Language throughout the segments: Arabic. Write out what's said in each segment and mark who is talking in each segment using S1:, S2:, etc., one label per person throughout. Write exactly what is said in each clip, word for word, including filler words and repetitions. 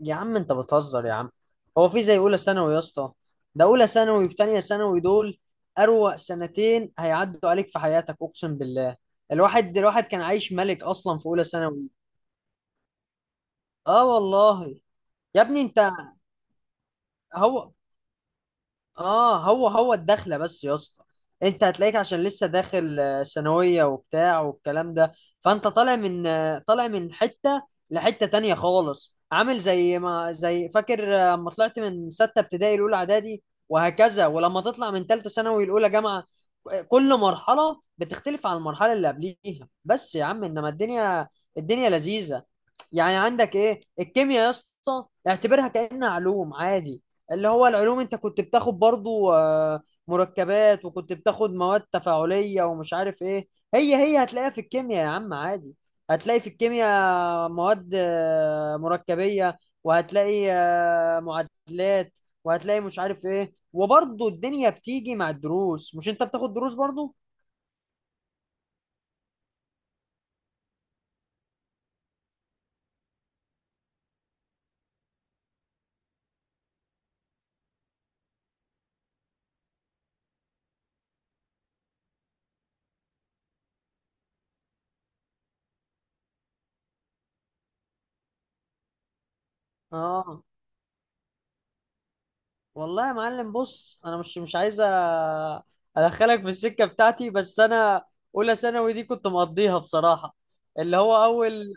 S1: يا عم انت بتهزر يا عم. هو في زي اولى ثانوي يا اسطى؟ ده اولى ثانوي وتانية ثانوي دول، اروق، سنتين هيعدوا عليك في حياتك اقسم بالله. الواحد الواحد كان عايش ملك اصلا في اولى ثانوي، اه والله. يا ابني انت، هو اه هو هو الدخله بس يا اسطى، انت هتلاقيك عشان لسه داخل آه، ثانويه وبتاع والكلام ده. فانت طالع من آه، طالع من حته لحته تانية خالص، عامل زي ما زي فاكر آه، اما طلعت من سته ابتدائي الاولى اعدادي، وهكذا. ولما تطلع من ثالثه ثانوي الاولى جامعه، كل مرحله بتختلف عن المرحله اللي قبليها، بس يا عم انما الدنيا، الدنيا لذيذه. يعني عندك ايه، الكيمياء يا اسطى اعتبرها كأنها علوم عادي، اللي هو العلوم انت كنت بتاخد برضو آه، مركبات، وكنت بتاخد مواد تفاعلية ومش عارف ايه. هي هي هتلاقيها في الكيمياء يا عم عادي، هتلاقي في الكيمياء مواد آه، مركبية، وهتلاقي آه، معادلات، وهتلاقي مش عارف ايه. وبرضو الدنيا بتيجي مع الدروس، مش انت بتاخد دروس برضو؟ اه والله يا معلم، بص انا مش مش عايز أ- ادخلك في السكه بتاعتي، بس انا اولى ثانوي دي كنت مقضيها بصراحه، اللي هو اول،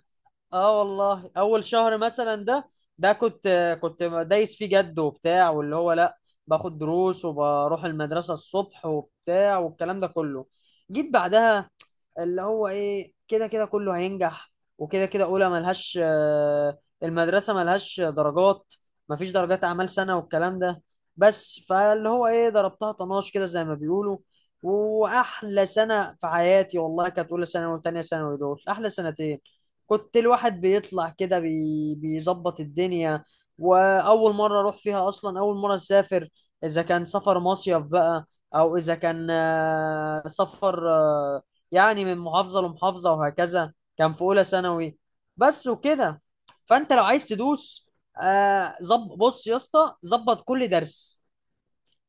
S1: اه والله اول شهر مثلا ده، ده كنت كنت دايس فيه جد وبتاع، واللي هو لا باخد دروس وبروح المدرسه الصبح وبتاع والكلام ده كله. جيت بعدها اللي هو ايه، كده كده كله هينجح، وكده كده اولى ملهاش آه، المدرسه ملهاش درجات، مفيش درجات اعمال سنه والكلام ده. بس فاللي هو ايه، ضربتها طناش كده زي ما بيقولوا، واحلى سنه في حياتي والله كانت اولى ثانوي وتانية ثانوي، دول احلى سنتين. كنت الواحد بيطلع كده بي... بيظبط الدنيا، واول مره اروح فيها اصلا، اول مره اسافر، اذا كان سفر مصيف بقى او اذا كان آه، سفر آه، يعني من محافظة لمحافظة، وهكذا كان في أولى ثانوي بس وكده. فأنت لو عايز تدوس، آه زب بص يا اسطى، ظبط كل درس،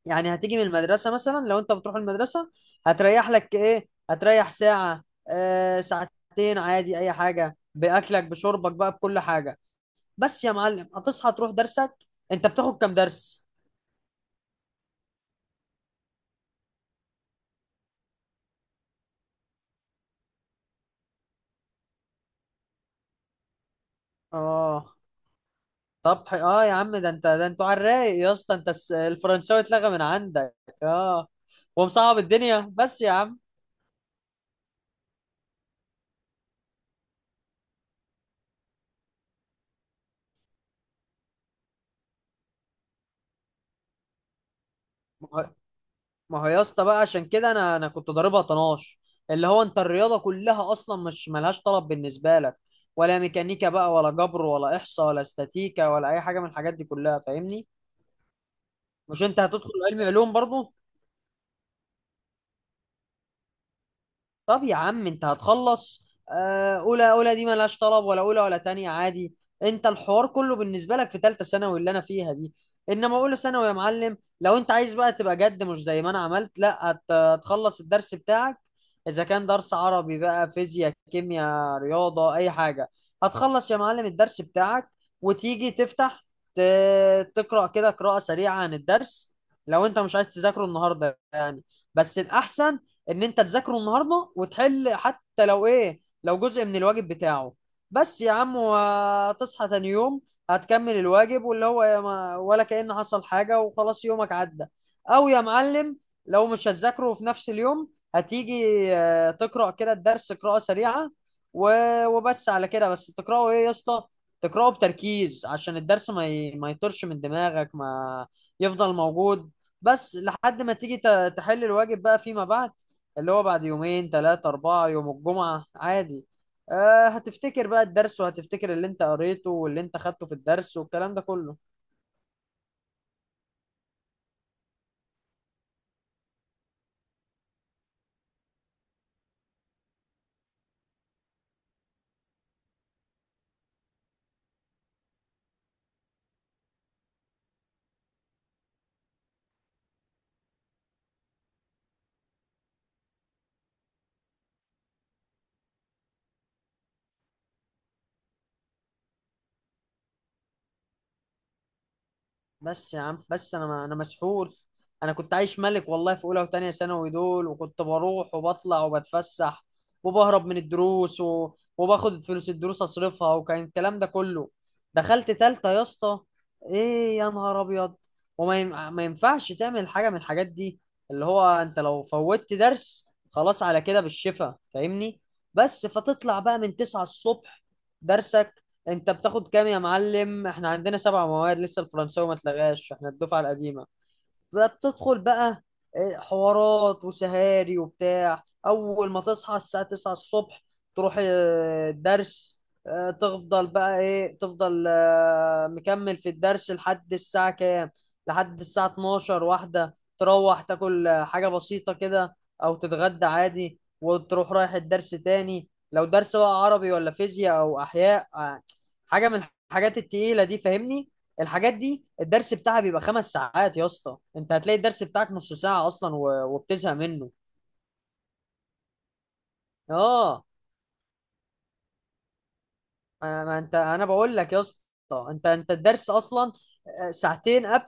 S1: يعني هتيجي من المدرسة مثلا، لو أنت بتروح المدرسة هتريح لك إيه، هتريح ساعة آه ساعتين عادي، أي حاجة، بأكلك بشربك بقى بكل حاجة، بس يا معلم هتصحى تروح درسك. أنت بتاخد كام درس؟ آه طب ح- اه يا عم، ده انت ده انتوا على الرايق يا اسطى، انت الس- الفرنساوي اتلغى من عندك، اه، ومصعب الدنيا بس يا عم. ما هو ما هو يا اسطى بقى عشان كده انا انا كنت ضاربها طناش، اللي هو انت الرياضه كلها اصلا مش ملهاش طلب بالنسبه لك، ولا ميكانيكا بقى ولا جبر ولا احصاء ولا استاتيكا ولا اي حاجه من الحاجات دي كلها، فاهمني؟ مش انت هتدخل علم علوم برضو. طب يا عم انت هتخلص، آه، اولى اولى دي ملهاش طلب، ولا اولى ولا تانية عادي، انت الحوار كله بالنسبه لك في ثالثه ثانوي اللي انا فيها دي. انما اولى ثانوي يا معلم، لو انت عايز بقى تبقى جد مش زي ما انا عملت، لا هت- هتخلص الدرس بتاعك، اذا كان درس عربي بقى، فيزياء، كيمياء، رياضه، اي حاجه، هتخلص يا معلم الدرس بتاعك، وتيجي تفتح ت- تقرا كده قراءه سريعه عن الدرس، لو انت مش عايز تذاكره النهارده يعني. بس الاحسن ان انت تذاكره النهارده، وتحل حتى لو ايه، لو جزء من الواجب بتاعه بس يا عم، وتصحى تاني يوم هتكمل الواجب، واللي هو يا ما، ولا كأن حصل حاجة وخلاص يومك عدى. او يا معلم لو مش هتذاكره في نفس اليوم، هتيجي آه، تقرأ كده الدرس قراءة سريعة و- وبس على كده، بس تقرأه ايه يا اسطى، تقرأه بتركيز عشان الدرس ما ي... ما يطرش من دماغك، ما يفضل موجود، بس لحد ما تيجي ت- تحل الواجب بقى فيما بعد، اللي هو بعد يومين ثلاثة أربعة، يوم الجمعة عادي. آه هتفتكر بقى الدرس، وهتفتكر اللي انت قريته واللي انت خدته في الدرس والكلام ده كله. بس يا عم، بس انا انا مسحول. انا كنت عايش ملك والله في اولى وتانية ثانوي دول، وكنت بروح وبطلع وبتفسح وبهرب من الدروس و... وباخد فلوس الدروس اصرفها، وكان الكلام ده كله. دخلت تالتة يا اسطى، ايه يا نهار ابيض، وما ين... ما ينفعش تعمل حاجة من الحاجات دي، اللي هو انت لو فوتت درس خلاص على كده بالشفا، فاهمني؟ بس فتطلع بقى من تسعة الصبح درسك. انت بتاخد كام يا معلم؟ احنا عندنا سبع مواد لسه، الفرنساوي ما اتلغاش، احنا الدفعه القديمه. بقى بتدخل بقى آه، حوارات وسهاري وبتاع، اول ما تصحى الساعة تسعة الصبح تروح آه، الدرس، آه، تفضل بقى ايه، تفضل آه، مكمل في الدرس لحد الساعة كام، لحد الساعة اثنعش واحدة، تروح تاكل آه، حاجة بسيطة كده او تتغدى عادي، وتروح رايح الدرس تاني، لو درس بقى عربي ولا فيزياء او احياء آه، حاجة من الحاجات التقيلة دي، فاهمني؟ الحاجات دي الدرس بتاعها بيبقى خمس ساعات يا اسطى، انت هتلاقي الدرس بتاعك نص ساعة اصلا و... وبتزهق منه. اه ما ما انت انا بقول لك يا اسطى، انت انت الدرس اصلا آه، ساعتين قبل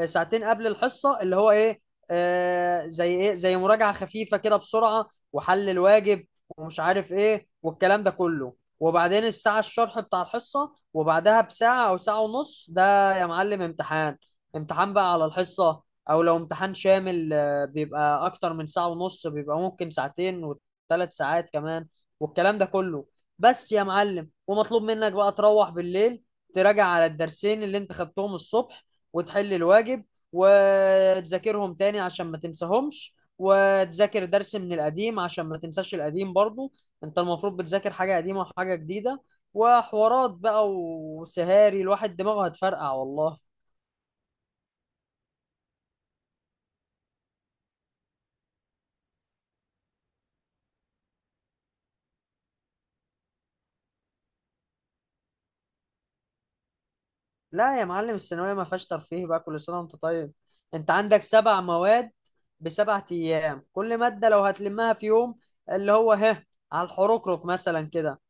S1: آه، ساعتين قبل الحصه، اللي هو ايه آه زي ايه، زي مراجعه خفيفه كده بسرعه، وحل الواجب ومش عارف ايه والكلام ده كله، وبعدين الساعه الشرح بتاع الحصه، وبعدها بساعه او ساعه ونص ده يا معلم امتحان، امتحان بقى على الحصه. او لو امتحان شامل آه، بيبقى اكتر من ساعه ونص، بيبقى ممكن ساعتين وثلاث ساعات كمان والكلام ده كله. بس يا معلم ومطلوب منك بقى تروح بالليل، تراجع على الدرسين اللي انت خدتهم الصبح، وتحل الواجب، وتذاكرهم تاني عشان ما تنساهمش، وتذاكر درس من القديم عشان ما تنساش القديم برضو. انت المفروض بتذاكر حاجة قديمة وحاجة جديدة، وحوارات بقى وسهاري، الواحد دماغه هتفرقع والله. لا يا معلم الثانوية ما فيهاش ترفيه بقى، كل سنة وانت طيب. انت عندك سبع مواد بسبع ايام، كل مادة لو هتلمها في يوم، اللي هو ها، على الحروكروك مثلا كده.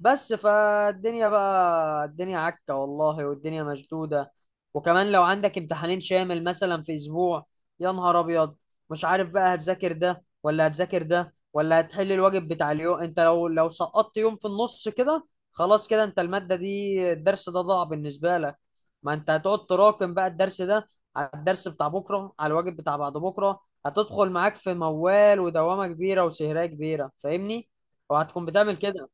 S1: بس فالدنيا بقى، الدنيا عكة والله والدنيا مشدودة، وكمان لو عندك امتحانين شامل مثلا في أسبوع، يا نهار أبيض، مش عارف بقى هتذاكر ده ولا هتذاكر ده ولا هتحل الواجب بتاع اليوم. أنت لو لو سقطت يوم في النص كده، خلاص كده أنت المادة دي الدرس ده ضاع بالنسبة لك، ما أنت هتقعد تراكم بقى الدرس ده على الدرس بتاع بكرة، على الواجب بتاع بعد بكرة، هتدخل معاك في موال ودوامة كبيرة وسهرية كبيرة، فاهمني؟ وهتكون بتعمل كده.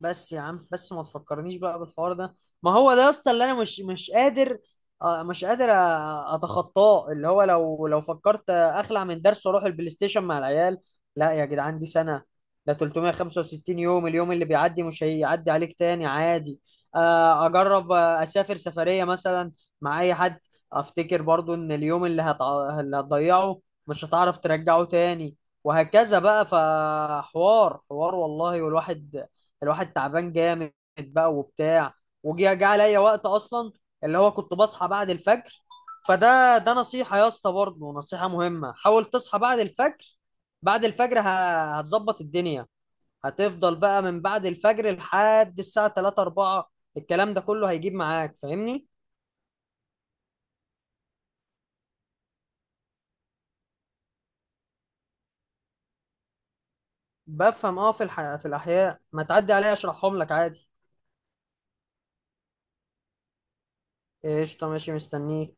S1: بس يا عم، بس ما تفكرنيش بقى بالحوار ده، ما هو ده يا اسطى اللي انا مش مش قادر آه، مش قادر أ- اتخطاه، اللي هو لو لو فكرت اخلع من درس واروح البلاي ستيشن مع العيال، لا يا جدعان، دي سنه، ده تلتمية وخمسة وستين يوم، اليوم اللي بيعدي مش هيعدي عليك تاني عادي. آه، اجرب آه، اسافر سفريه مثلا مع اي حد، افتكر برضو ان اليوم اللي هتع... اللي هتضيعه مش هتعرف ترجعه تاني، وهكذا بقى، فحوار حوار والله، والواحد، الواحد تعبان جامد بقى وبتاع. وجي جه عليا وقت اصلا اللي هو كنت بصحى بعد الفجر، فده ده نصيحة يا اسطى، برضه نصيحة مهمة، حاول تصحى بعد الفجر، بعد الفجر ه- هتظبط الدنيا، هتفضل بقى من بعد الفجر لحد الساعة تلاتة اربعة الكلام ده كله، هيجيب معاك، فاهمني؟ بفهم اه، في الح... في الأحياء ما تعدي عليا اشرحهم لك عادي. قشطة ماشي مستنيك.